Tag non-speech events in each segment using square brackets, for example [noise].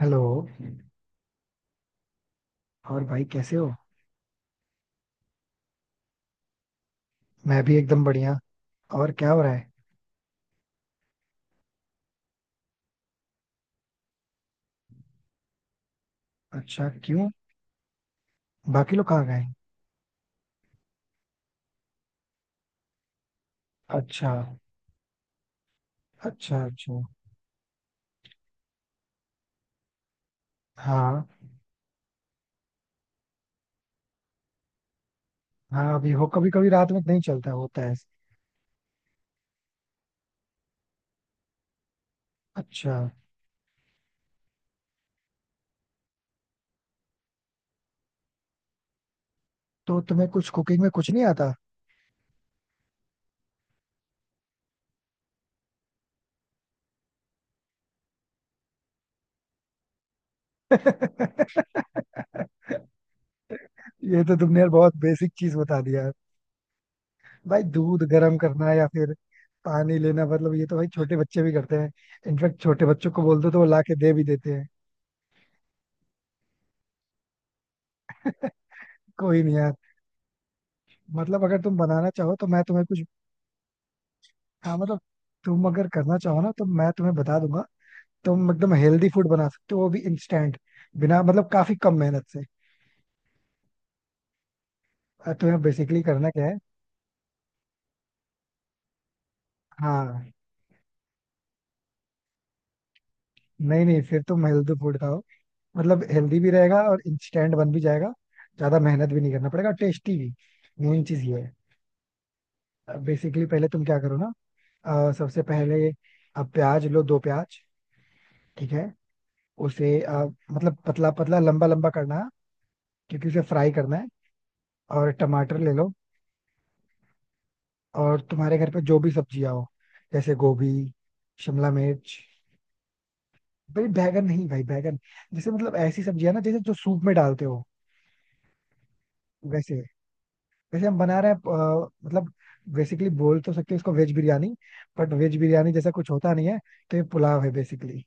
Hello. और भाई कैसे हो? मैं भी एकदम बढ़िया। और क्या हो रहा है? अच्छा, क्यों? बाकी लोग कहाँ गए? अच्छा, अच्छा। अच्छा। हाँ। हाँ, अभी हो, कभी कभी रात में नहीं चलता होता है। अच्छा। तो तुम्हें कुछ कुकिंग में कुछ नहीं आता? [laughs] ये तो तुमने यार बहुत बेसिक चीज बता दिया यार। भाई दूध गर्म करना या फिर पानी लेना मतलब ये तो भाई छोटे बच्चे भी करते हैं। इनफेक्ट छोटे बच्चों को बोल दो तो वो ला के दे भी देते हैं। [laughs] कोई नहीं यार। मतलब अगर तुम बनाना चाहो तो मैं तुम्हें कुछ। हाँ, मतलब। तुम अगर करना चाहो ना तो मैं तुम्हें बता दूंगा। तुम एकदम हेल्दी फूड बना सकते हो वो भी इंस्टेंट। बिना मतलब काफी कम मेहनत से। और तुम्हें बेसिकली करना क्या है? हाँ। नहीं, नहीं, फिर तुम हेल्दी फूड खाओ। मतलब हेल्दी भी रहेगा और इंस्टेंट बन भी जाएगा। ज्यादा मेहनत भी नहीं करना पड़ेगा, टेस्टी भी। मेन चीज ये है। बेसिकली पहले तुम क्या करो ना। सबसे पहले। अब प्याज लो, दो प्याज। ठीक है। उसे मतलब पतला पतला लंबा लंबा करना है। क्योंकि उसे फ्राई करना है। और टमाटर ले लो। और तुम्हारे घर पे जो भी सब्जियां हो, जैसे गोभी, शिमला मिर्च। भाई, बैगन नहीं भाई, बैगन। जैसे मतलब ऐसी सब्जियां ना, जैसे जो सूप में डालते हो। वैसे वैसे हम बना रहे हैं। मतलब बेसिकली बोल तो सकते हैं इसको veg biryani. But veg biryani जैसा कुछ होता नहीं है। तो ये पुलाव है बेसिकली।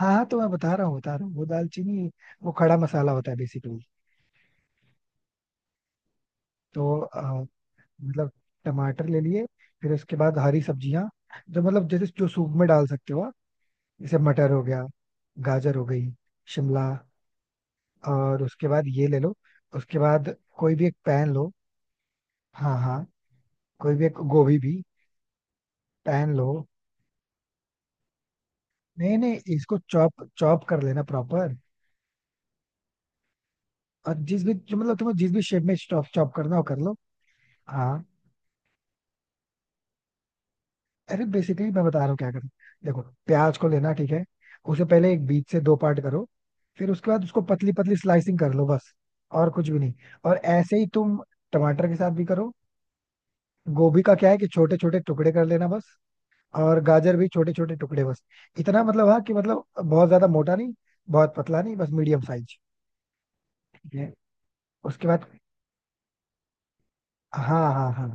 हाँ, हाँ, तो मैं बता रहा हूँ वो दालचीनी। वो खड़ा मसाला होता है बेसिकली। तो मतलब टमाटर ले लिए। फिर उसके बाद हरी सब्जियां। जो मतलब जैसे जो सूप में डाल सकते हो। जैसे मटर हो गया। गाजर हो गई। शिमला। और उसके बाद ये ले लो। उसके बाद कोई भी एक पैन लो। हाँ, हाँ। कोई भी एक गोभी भी। पैन लो। नहीं, नहीं, इसको चॉप चॉप कर लेना प्रॉपर। और जिस भी जो मतलब तुम्हें जिस भी शेप में चॉप चॉप करना हो कर लो। हाँ। अरे बेसिकली मैं बता रहा हूँ क्या करना। देखो प्याज को लेना, ठीक है। उसे पहले एक बीच से दो पार्ट करो। फिर उसके बाद उसको पतली पतली स्लाइसिंग कर लो बस। और कुछ भी नहीं। और ऐसे ही तुम टमाटर के साथ भी करो। गोभी का क्या है कि छोटे छोटे टुकड़े कर लेना बस। और गाजर भी छोटे छोटे टुकड़े बस। इतना मतलब हाँ कि मतलब बहुत ज्यादा मोटा नहीं। बहुत पतला नहीं, बस मीडियम साइज। ठीक है। उसके बाद। हाँ, हाँ, हाँ।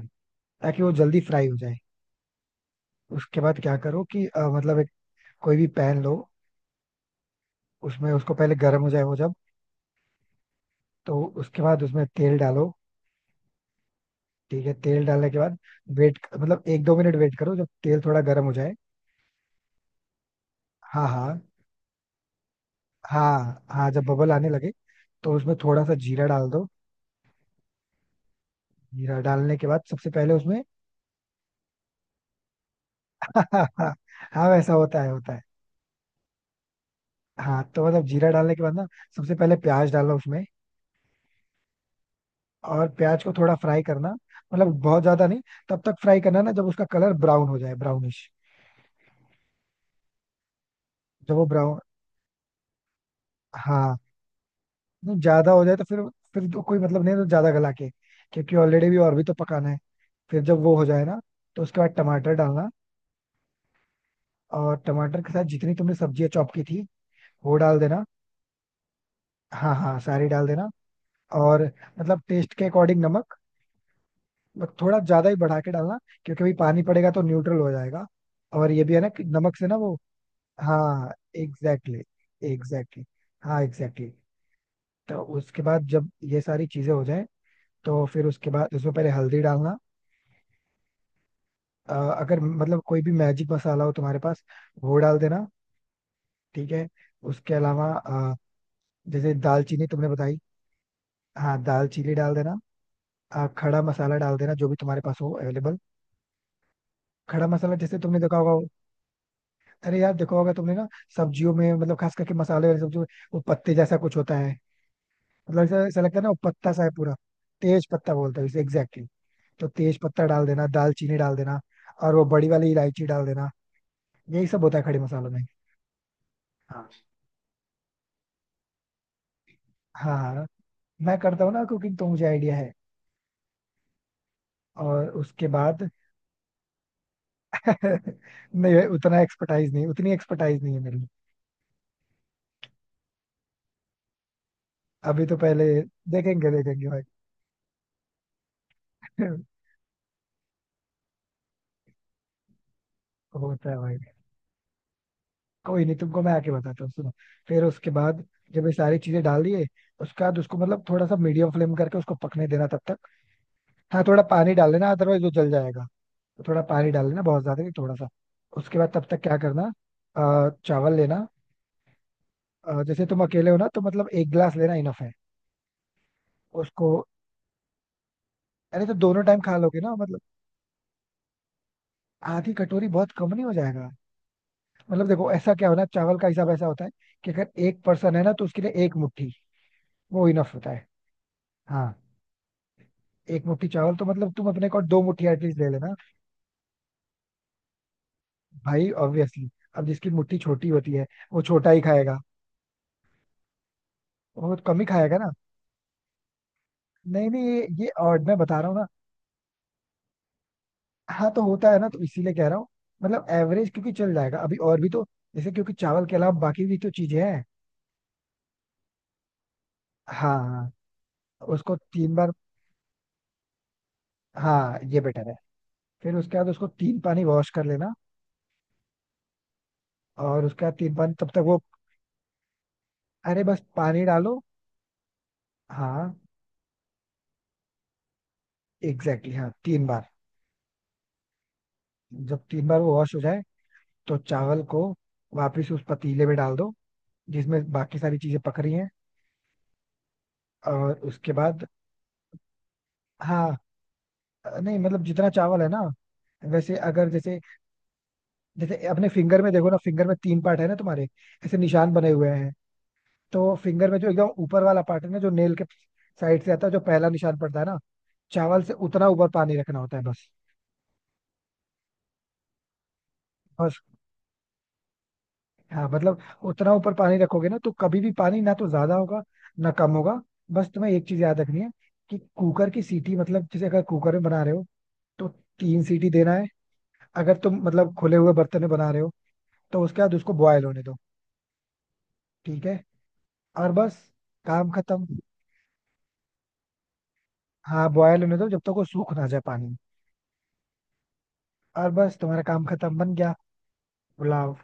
ताकि वो जल्दी फ्राई हो जाए। उसके बाद क्या करो कि मतलब एक। कोई भी पैन लो। उसमें उसको पहले गर्म हो जाए वो जब। तो उसके बाद उसमें तेल डालो। ठीक है, तेल डालने के बाद। वेट मतलब 1-2 मिनट वेट करो जब तेल थोड़ा गर्म हो जाए। हाँ, हाँ, हाँ। हाँ, जब बबल आने लगे। तो उसमें थोड़ा सा जीरा डाल दो। जीरा डालने के बाद सबसे पहले उसमें। [laughs] हाँ, वैसा होता है होता है। हाँ तो मतलब जीरा डालने के बाद ना। सबसे पहले प्याज डालना उसमें। और प्याज को थोड़ा फ्राई करना। मतलब बहुत ज्यादा नहीं। तब तक फ्राई करना ना जब उसका कलर ब्राउन हो जाए, ब्राउनिश। जब वो ब्राउन। हाँ। नहीं, ज्यादा हो जाए तो फिर। फिर तो कोई मतलब नहीं है तो ज्यादा गला के। क्योंकि ऑलरेडी भी और भी तो पकाना है। फिर जब वो हो जाए ना। तो उसके बाद टमाटर डालना। और टमाटर के साथ जितनी तुमने सब्जियां चॉप की थी वो डाल देना। हाँ, हाँ, सारी डाल देना। और मतलब टेस्ट के अकॉर्डिंग नमक। बस थोड़ा ज्यादा ही बढ़ा के डालना। क्योंकि अभी पानी पड़ेगा तो न्यूट्रल हो जाएगा। और ये भी है ना कि नमक से ना वो। हाँ एग्जैक्टली exactly, हाँ एग्जैक्टली exactly. तो उसके बाद जब ये सारी चीजें हो जाएं। तो फिर उसके बाद उसमें पहले हल्दी डालना। अगर मतलब कोई भी मैजिक मसाला हो तुम्हारे पास। वो डाल देना। ठीक है। उसके अलावा जैसे दालचीनी तुमने बताई। हाँ, दालचीनी डाल देना। खड़ा मसाला डाल देना, जो भी तुम्हारे पास हो अवेलेबल। खड़ा मसाला जैसे तुमने देखा होगा। अरे यार देखो होगा तुमने ना। सब्जियों में मतलब खास करके मसाले वाली सब्जियों में। वो पत्ते जैसा कुछ होता है। मतलब ऐसा ऐसा लगता है ना वो पत्ता सा है पूरा। तेज पत्ता बोलते हैं इसे एग्जैक्टली। तो तेज पत्ता डाल देना, दालचीनी डाल देना। और वो बड़ी वाली इलायची डाल देना। यही सब होता है खड़े मसालों में। हाँ, हाँ। मैं करता हूँ ना कुकिंग तो मुझे आइडिया है। और उसके बाद। [laughs] नहीं, उतना एक्सपर्टाइज नहीं उतनी एक्सपर्टाइज नहीं है मेरी। अभी तो पहले। देखेंगे देखेंगे भाई। [laughs] होता है भाई। कोई नहीं, तुमको मैं आके बताता हूँ, सुनो। फिर उसके बाद। जब ये सारी चीजें डाल दिए। उसके बाद उसको मतलब थोड़ा सा मीडियम फ्लेम करके उसको पकने देना तब तक। हाँ, थोड़ा पानी डाल लेना अदरवाइज वो जल जाएगा। तो थोड़ा पानी डाल लेना, बहुत ज्यादा नहीं, थोड़ा सा। उसके बाद तब तक क्या करना। चावल लेना। जैसे तुम अकेले हो ना तो मतलब 1 गिलास लेना इनफ है। उसको। अरे तो दोनों टाइम खा लोगे ना, मतलब। आधी कटोरी बहुत कम नहीं हो जाएगा? मतलब देखो ऐसा क्या होना, चावल का हिसाब ऐसा होता है। कि अगर एक पर्सन है ना तो उसके लिए 1 मुट्ठी। वो इनफ होता है। हाँ। 1 मुट्ठी चावल तो मतलब तुम अपने को 2 मुट्ठी एटलीस्ट ले लेना। भाई ऑब्वियसली। अब जिसकी मुट्ठी छोटी होती है। वो छोटा ही खाएगा। वो कम ही खाएगा ना। नहीं, नहीं, ये odd मैं बता रहा हूँ ना। हाँ तो होता है ना, तो इसीलिए कह रहा हूँ। मतलब एवरेज क्योंकि चल जाएगा अभी और भी तो। जैसे क्योंकि चावल के अलावा बाकी भी तो चीजें हैं। हाँ, हाँ। उसको 3 बार। हाँ, ये बेटर है। फिर उसके बाद उसको 3 पानी वॉश कर लेना। और उसके बाद 3 पानी तब तक वो। अरे बस पानी डालो। हाँ एग्जैक्टली exactly, हाँ 3 बार। जब 3 बार वो वॉश हो जाए। तो चावल को। वापस उस पतीले में डाल दो। जिसमें बाकी सारी चीजें पक रही हैं। और उसके बाद। हाँ। नहीं मतलब जितना चावल है ना। वैसे अगर जैसे। जैसे अपने फिंगर में देखो ना, फिंगर में तीन पार्ट है ना तुम्हारे। ऐसे निशान बने हुए हैं। तो फिंगर में जो एकदम ऊपर वाला पार्ट है ना, जो नेल के। साइड से आता है जो पहला निशान पड़ता है ना। चावल से उतना ऊपर पानी रखना होता है बस। बस। हाँ, मतलब। उतना ऊपर पानी रखोगे ना तो कभी भी पानी ना तो ज्यादा होगा। ना कम होगा। बस तुम्हें एक चीज याद रखनी है। कि कुकर की सीटी मतलब जैसे अगर कुकर में बना रहे हो। तो 3 सीटी देना है। अगर तुम मतलब खुले हुए बर्तन में बना रहे हो। तो उसके बाद उसको बॉयल होने दो। ठीक है। और बस काम खत्म। हाँ, बॉयल होने दो जब तक वो सूख ना जाए पानी। और बस तुम्हारा काम खत्म, बन गया पुलाव।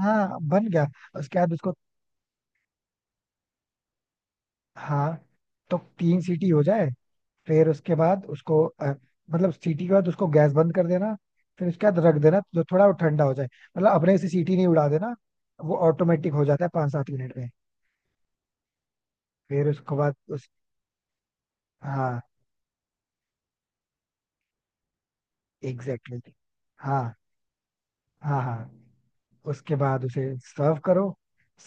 हाँ, बन गया। उसके बाद उसको। हाँ तो 3 सीटी हो जाए। फिर उसके बाद उसको मतलब सीटी के बाद उसको गैस बंद कर देना। फिर उसके बाद रख देना जो थोड़ा वो ठंडा हो जाए। मतलब अपने से सीटी नहीं उड़ा देना। वो ऑटोमेटिक हो जाता है 5-7 मिनट में। फिर उसके बाद उस। हाँ एग्जैक्टली exactly. हाँ, हाँ, हाँ। उसके बाद उसे सर्व करो।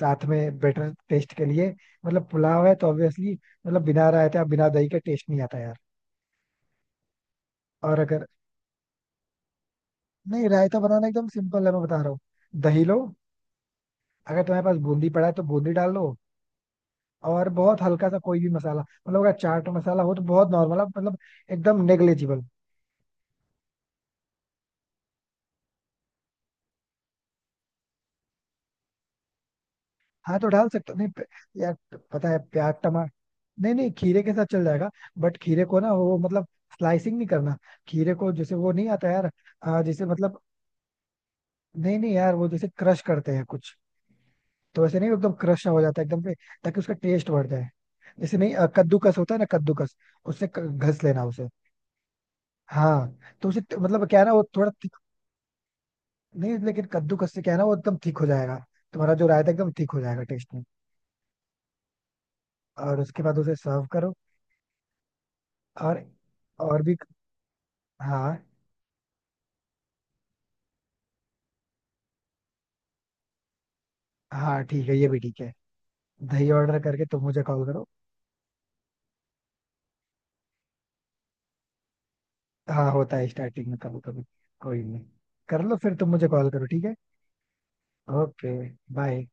साथ में बेटर टेस्ट के लिए। मतलब पुलाव है तो ऑब्वियसली। मतलब बिना रायता बिना दही का टेस्ट नहीं आता यार। और अगर। नहीं, रायता बनाना एकदम सिंपल है, मैं बता रहा हूँ। दही लो। अगर तुम्हारे पास बूंदी पड़ा है तो बूंदी डाल लो। और बहुत हल्का सा कोई भी मसाला, मतलब अगर चाट मसाला हो तो बहुत नॉर्मल मतलब। एकदम नेग्लेजिबल। हाँ तो डाल सकते हो नहीं यार। पता है, प्याज टमाटर। नहीं, नहीं, खीरे के साथ चल जाएगा। बट खीरे को ना वो मतलब। स्लाइसिंग नहीं करना। खीरे को जैसे वो नहीं आता यार। जैसे मतलब। नहीं, नहीं, यार वो जैसे क्रश करते हैं कुछ। तो वैसे नहीं, एकदम क्रश ना हो जाता है एकदम पे। ताकि उसका टेस्ट बढ़ जाए। जैसे नहीं, कद्दूकस होता है ना, कद्दूकस। उससे घस लेना उसे। हाँ। तो उसे मतलब क्या है ना वो थोड़ा। नहीं लेकिन कद्दूकस से क्या है ना, वो एकदम थिक हो जाएगा। तुम्हारा जो रायता है, एकदम थिक हो जाएगा टेस्ट में। और उसके बाद उसे सर्व करो। और। और भी। हाँ। हाँ, ठीक है, ये भी ठीक है। दही ऑर्डर करके तुम मुझे कॉल करो। हाँ, होता है स्टार्टिंग में कभी कभी। कोई नहीं। कर लो फिर तुम मुझे कॉल करो, ठीक है। ओके। बाय।